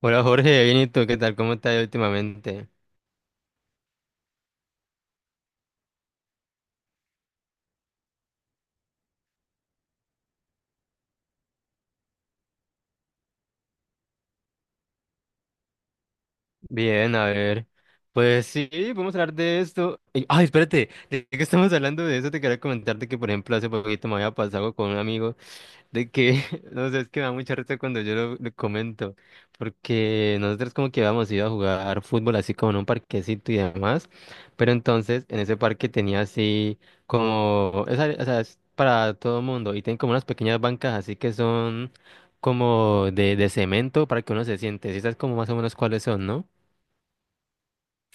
Hola Jorge, bien ¿y tú, ¿qué tal? ¿Cómo estás últimamente? Bien, a ver. Pues sí, podemos hablar de esto. Ay, espérate, de que estamos hablando de eso, te quería comentarte que, por ejemplo, hace poquito me había pasado con un amigo. de que, no sé, es que me da mucha risa cuando yo lo comento, porque nosotros como que habíamos ido a jugar fútbol así como en un parquecito y demás, pero entonces en ese parque tenía así como, esa, o sea, es para todo el mundo y tienen como unas pequeñas bancas así que son como de cemento para que uno se siente, si sabes como más o menos cuáles son, ¿no?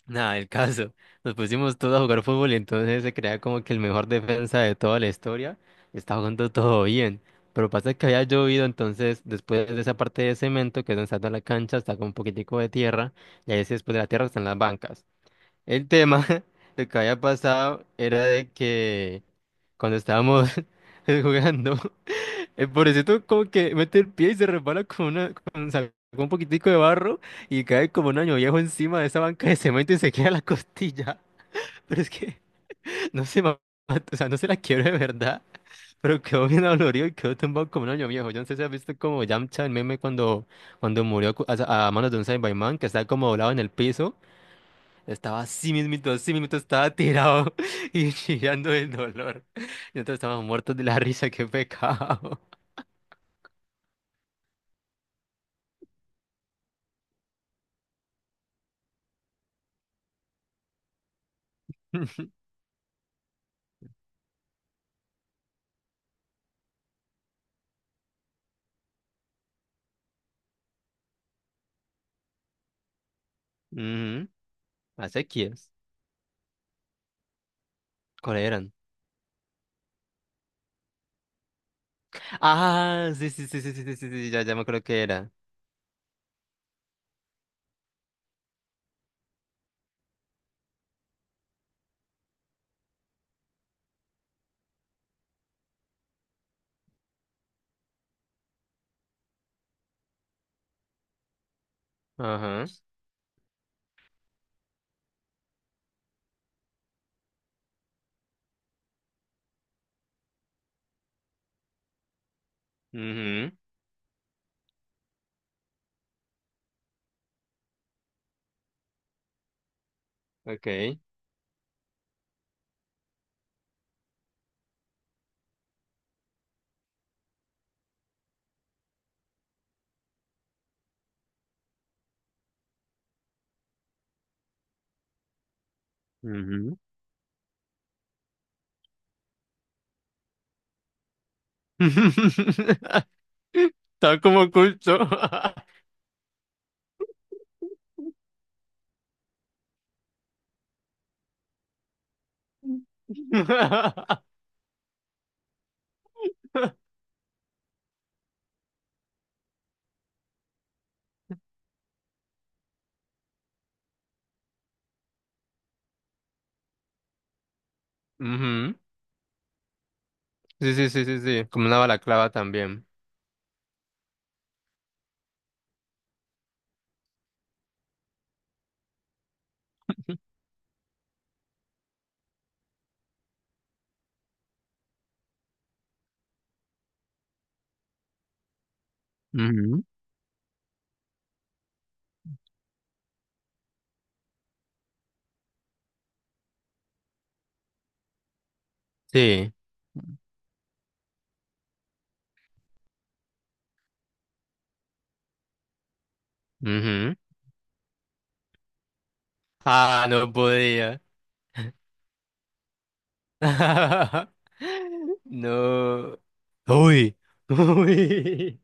Nada, el caso. Nos pusimos todos a jugar fútbol y entonces se creía como que el mejor defensa de toda la historia estaba jugando todo bien. Pero pasa que había llovido, entonces después de esa parte de cemento que es donde está toda la cancha, está con un poquitico de tierra y ahí sí, después de la tierra están las bancas. El tema, lo que había pasado era de que cuando estábamos jugando, pobrecito como que mete el pie y se resbala con una, con, sacó un poquitico de barro y cae como un año viejo encima de esa banca de cemento y se queda la costilla. Pero es que no se ma- o sea, no se la quiebra de verdad, pero quedó bien dolorido y quedó tumbado como un año viejo. Yo no sé si has visto como Yamcha, el meme, cuando, cuando murió a manos de un Saiyaman, que estaba como doblado en el piso, estaba así mismito, estaba tirado y chillando del dolor. Y nosotros estábamos muertos de la risa, qué pecado. Ujú. Acequias. ¿Cuál eran? Ah, sí, sí, sí, sí, sí, sí, sí, sí, ya, ya me acuerdo que era. Ajá. Mhm, okay, ujú. Está como oculto. Ujú. Sí, sí, sí, sí, sí. Como una balaclava también. Ujú. Sí. Ujú. Ah, no podía. No. Uy. Uy.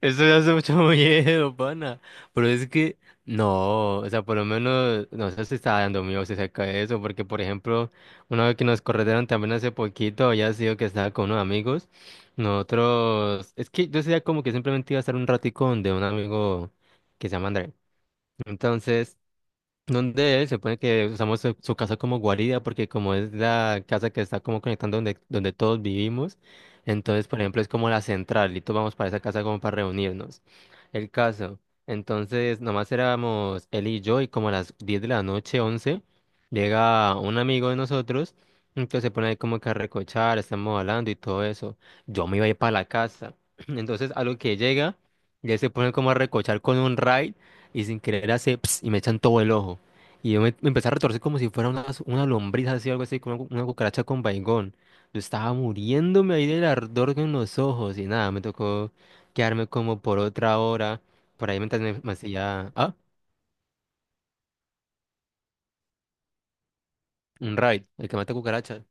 Eso me hace mucho miedo, pana. Pero es que, no, o sea, por lo menos, no sé si está dando miedo si se cae eso, porque, por ejemplo, una vez que nos corrieron también hace poquito, había sido que estaba con unos amigos, nosotros, es que yo decía como que simplemente iba a estar un ratico donde un amigo que se llama André. Entonces, donde él se pone que usamos su casa como guarida, porque como es la casa que está como conectando donde, donde todos vivimos, entonces, por ejemplo, es como la central y todos vamos para esa casa como para reunirnos. El caso, entonces, nomás éramos él y yo y como a las 10 de la noche, 11, llega un amigo de nosotros, entonces se pone ahí como que a recochar, estamos hablando y todo eso. Yo me iba a ir para la casa. Entonces, a lo que llega, ya se pone como a recochar con un ride y sin querer hace ps, y me echan todo el ojo. Y yo me empecé a retorcer como si fuera una lombriz así, algo así, como una, una cucaracha con vaingón. Yo estaba muriéndome ahí del ardor en los ojos y nada, me tocó quedarme como por otra hora, por ahí mientras me hacía, ah, un raid, el que mata cucarachas.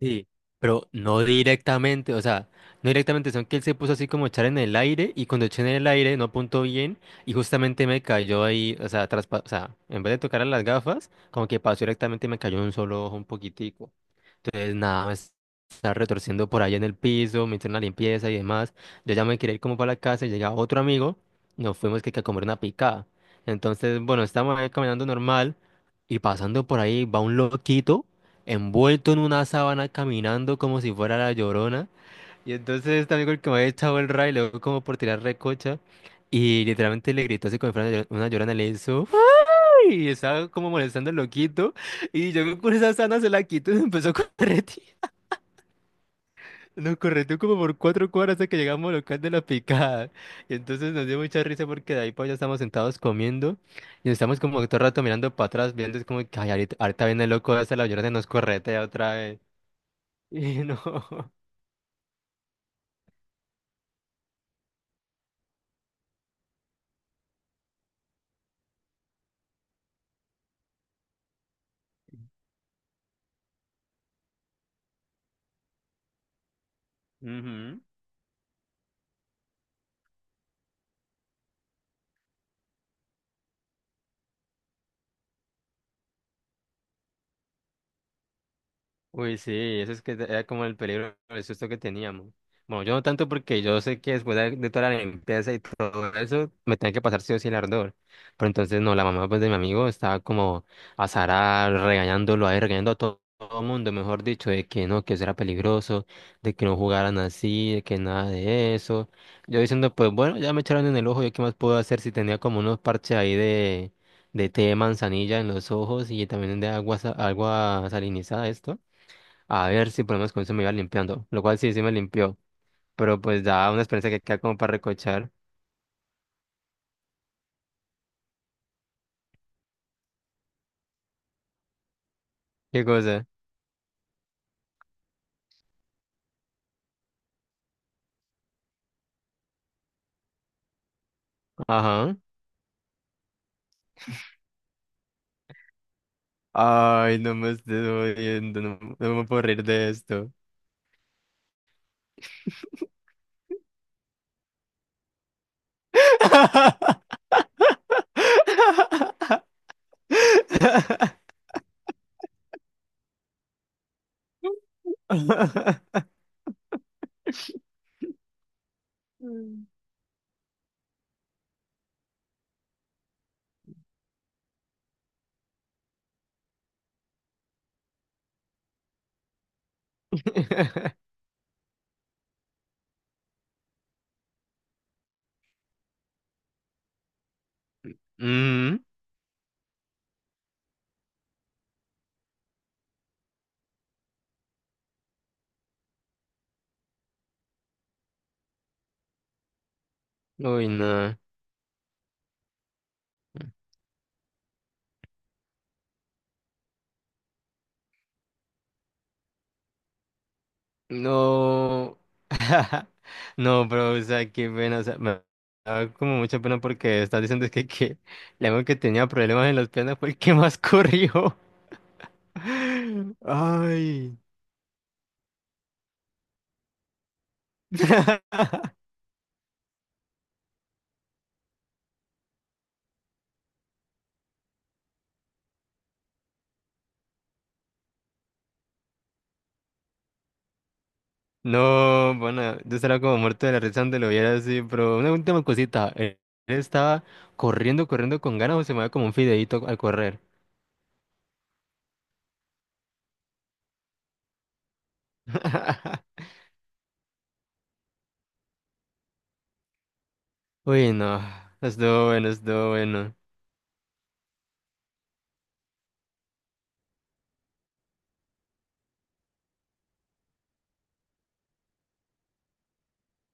Sí, pero no directamente, o sea, no directamente, sino que él se puso así como a echar en el aire y cuando eché en el aire no apuntó bien y justamente me cayó ahí, o sea, o sea, en vez de tocar a las gafas, como que pasó directamente y me cayó en un solo ojo un poquitico. Entonces, nada, me estaba retorciendo por allá en el piso, me hicieron la limpieza y demás. Yo ya me quería ir como para la casa y llega otro amigo, nos fuimos que a comer una picada. Entonces, bueno, estamos ahí caminando normal y pasando por ahí va un loquito envuelto en una sábana caminando como si fuera la Llorona. Y entonces este amigo el que me había echado el ray le dio como por tirar recocha y literalmente le gritó así como si fuera una una Llorona, le hizo ¡ay! Y estaba como molestando al loquito. Y yo con esa sana se la quito y empezó a correr. Nos correteó como por 4 cuadras hasta que llegamos al local de la picada. Y entonces nos dio mucha risa porque de ahí para allá estamos sentados comiendo y nos estamos como todo el rato mirando para atrás, viendo es como que "Ay, ahorita, ahorita viene el loco hasta la llorona y nos corretea otra vez". Y no. Ujú. Uy, sí, eso es que era como el peligro, el susto que teníamos. Bueno, yo no tanto porque yo sé que después de toda la limpieza y todo eso, me tenía que pasar sí o sí el ardor. Pero entonces, no, la mamá pues, de mi amigo estaba como azarada, regañándolo ahí, regañando a todo el mundo, mejor dicho, de que no, que eso era peligroso, de que no jugaran así, de que nada de eso. Yo diciendo, pues bueno, ya me echaron en el ojo, ¿yo qué más puedo hacer si tenía como unos parches ahí de té de manzanilla en los ojos y también de agua, agua salinizada, esto? A ver si por lo menos con eso me iba limpiando. Lo cual sí, sí me limpió. Pero pues da una experiencia que queda como para recochar. ¿Qué cosa? Ajá. Ay, no me estoy jodiendo. No, no me puedo reír de esto. Mm. Mm. Uy, no. No. No, pero, o sea, qué pena. O sea, me da como mucha pena porque estás diciendo que la única que tenía problemas en las piernas fue el que más corrió. Ay. No, bueno, yo estaba como muerto de la risa donde lo viera así, pero una última cosita. Él estaba corriendo, corriendo con ganas o se mueve como un fideíto al correr. Uy, no, estuvo bueno, estuvo bueno.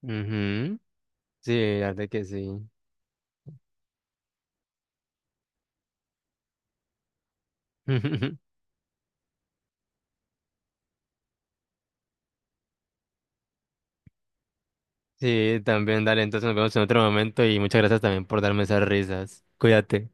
Ujú. Sí, la verdad que sí. Sí, también, dale, entonces nos vemos en otro momento y muchas gracias también por darme esas risas. Cuídate.